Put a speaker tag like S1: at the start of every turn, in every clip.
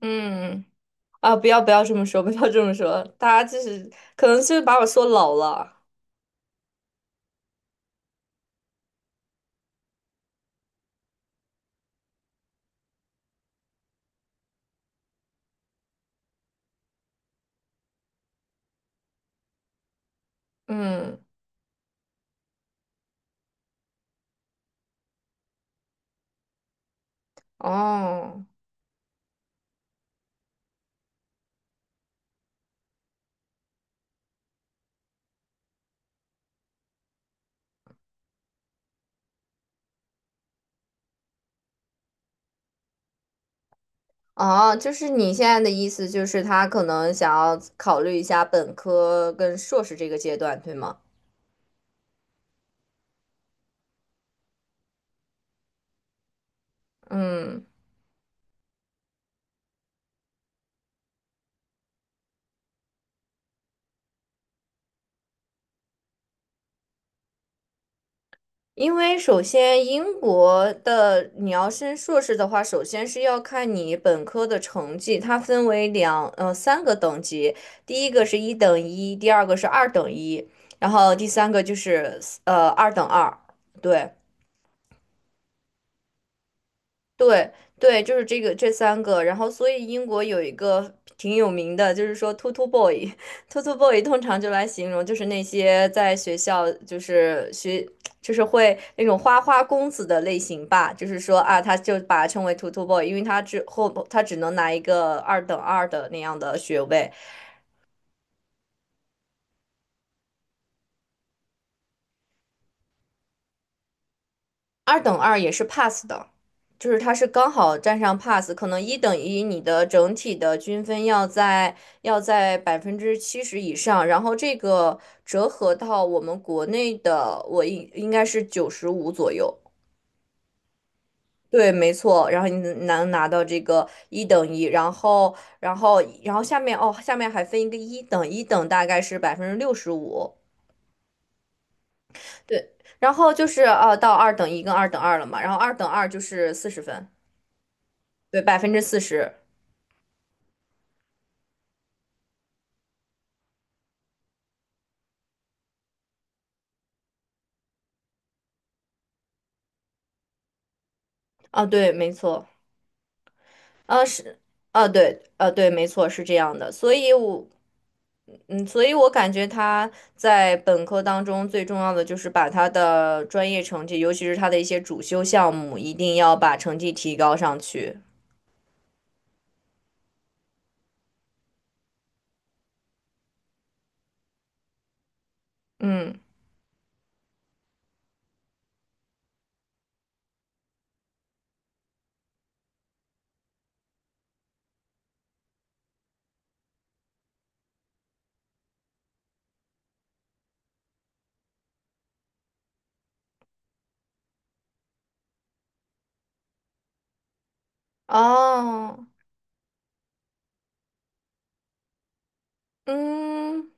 S1: 嗯，啊，不要不要这么说，不要这么说，大家就是可能就是把我说老了。嗯，哦，哦，就是你现在的意思就是他可能想要考虑一下本科跟硕士这个阶段，对吗？嗯。因为首先，英国的你要升硕士的话，首先是要看你本科的成绩，它分为三个等级，第一个是一等一，第二个是二等一，然后第三个就是二等二，对。对对，就是这三个，然后所以英国有一个挺有名的，就是说 t o t o b o y， t o t o boy” 通常就来形容就是那些在学校就是就是会那种花花公子的类型吧，就是说啊，他就把他称为 t o t o boy”，因为他之后他只能拿一个二等二的那样的学位。二等二也是 pass 的，就是它是刚好占上 pass，可能一等一你的整体的均分要在百分之七十以上，然后这个折合到我们国内的，我应该是九十五左右。对，没错，然后你能拿到这个一等一，然后，然后下面，下面还分一个一等，一等大概是百分之六十五，对，然后就是到二等一跟二等二了嘛，然后二等二就是四十分。对，百分之四十。啊，对，没错，啊是，啊对，没错，是这样的，所以我，嗯，所以我感觉他在本科当中最重要的就是把他的专业成绩，尤其是他的一些主修项目，一定要把成绩提高上去。嗯，哦，嗯，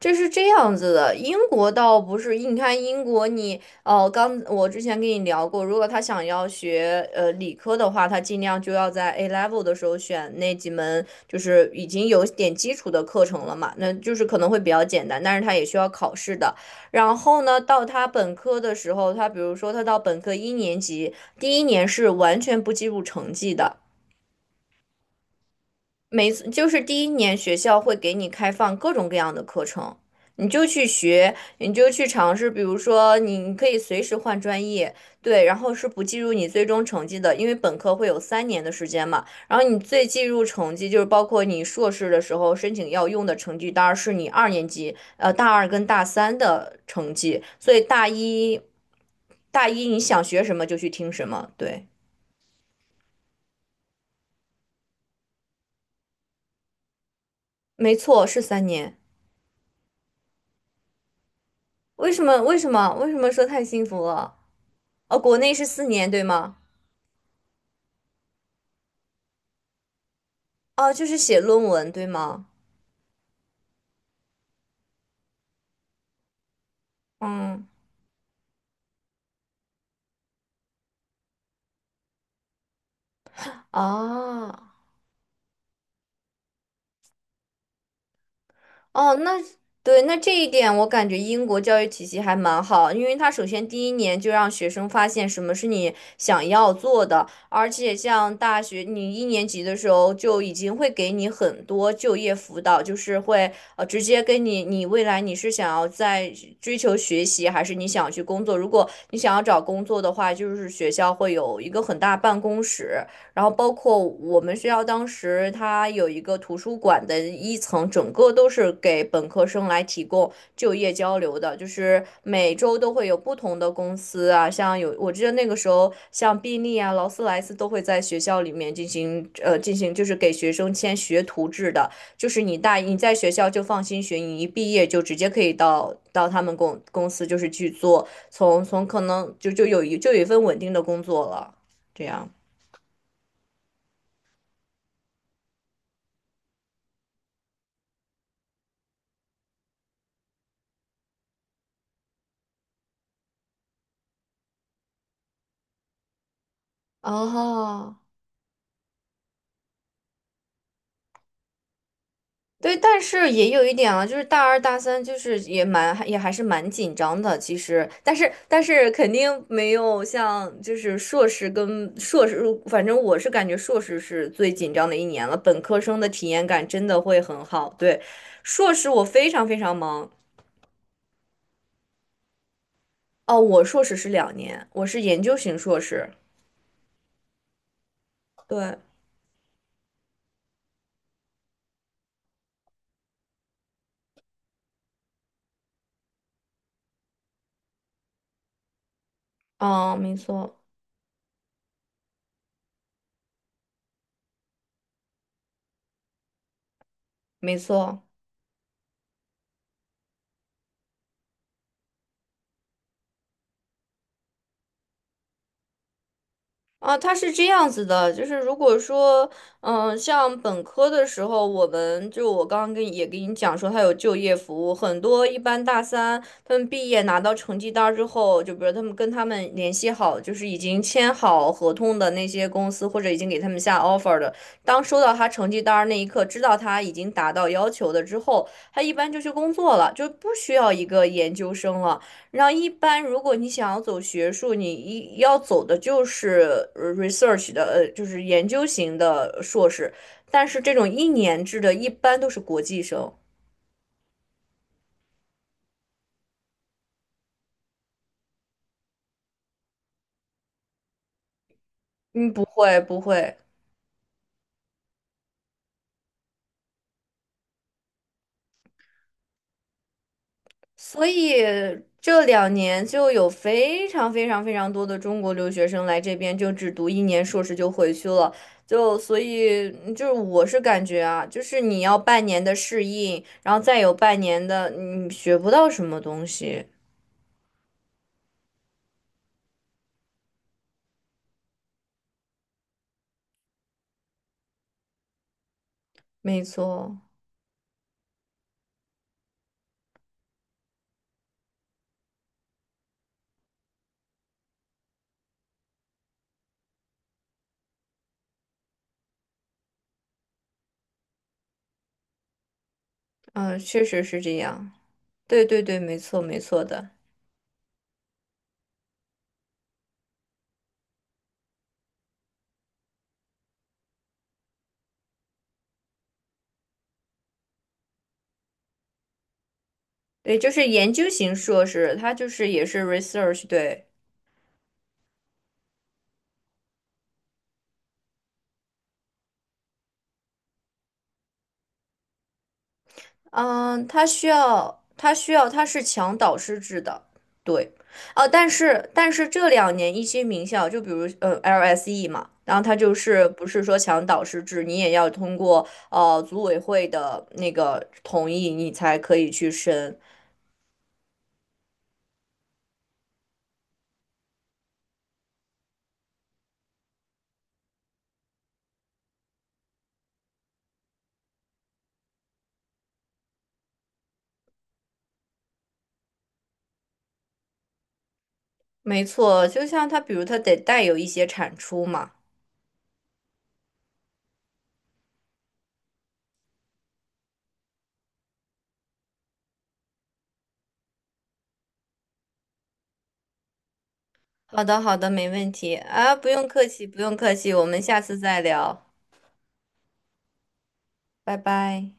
S1: 这是这样子的，英国倒不是，你看英国你，哦，刚我之前跟你聊过，如果他想要学理科的话，他尽量就要在 A level 的时候选那几门就是已经有点基础的课程了嘛，那就是可能会比较简单，但是他也需要考试的。然后呢，到他本科的时候，他比如说他到本科一年级，第一年是完全不计入成绩的。每次就是第一年学校会给你开放各种各样的课程，你就去学，你就去尝试。比如说，你可以随时换专业，对，然后是不计入你最终成绩的，因为本科会有三年的时间嘛。然后你最计入成绩就是包括你硕士的时候申请要用的成绩单，是你二年级，呃，大二跟大三的成绩。所以大一，大一你想学什么就去听什么，对，没错，是三年。为什么？说太幸福了？哦，国内是四年，对吗？哦，就是写论文，对吗？嗯，啊，哦，那对，那这一点我感觉英国教育体系还蛮好，因为他首先第一年就让学生发现什么是你想要做的，而且像大学你一年级的时候就已经会给你很多就业辅导，就是会直接跟你未来你是想要在追求学习，还是你想要去工作？如果你想要找工作的话，就是学校会有一个很大办公室。然后包括我们学校当时它有一个图书馆的一层，整个都是给本科生来提供就业交流的，就是每周都会有不同的公司啊，像有我记得那个时候像宾利啊、劳斯莱斯都会在学校里面进行，就是给学生签学徒制的，就是你在学校就放心学，你一毕业就直接可以到他们公司就是去做，从可能就有一份稳定的工作了，这样。哦，对，但是也有一点啊，就是大二大三，就是也还是蛮紧张的，其实，但是肯定没有像就是硕士，反正我是感觉硕士是最紧张的一年了，本科生的体验感真的会很好。对，硕士我非常非常忙哦，我硕士是两年，我是研究型硕士。对，嗯，没错。啊，他是这样子的，就是如果说，嗯，像本科的时候，我们我刚刚跟也跟你讲说，他有就业服务，很多一般大三他们毕业拿到成绩单儿之后，就比如他们跟他们联系好，就是已经签好合同的那些公司，或者已经给他们下 offer 的，当收到他成绩单儿那一刻，知道他已经达到要求的之后，他一般就去工作了，就不需要一个研究生了。然后一般如果你想要走学术，你一要走的就是research 的，就是研究型的硕士。但是这种一年制的，一般都是国际生，嗯，不会不会。所以这两年就有非常非常非常多的中国留学生来这边，就只读一年硕士就回去了。就所以就是我是感觉啊，就是你要半年的适应，然后再有半年的你学不到什么东西。没错。嗯，确实是这样。对对对，没错没错的。对，就是研究型硕士，它就是也是 research。对，嗯，它需要它是强导师制的。对，哦，但是这两年一些名校，就比如LSE 嘛，然后它就是不是说强导师制，你也要通过组委会的那个同意，你才可以去申。没错，就像它，比如它得带有一些产出嘛。好的，好的，没问题啊，不用客气，不用客气，我们下次再聊，拜拜。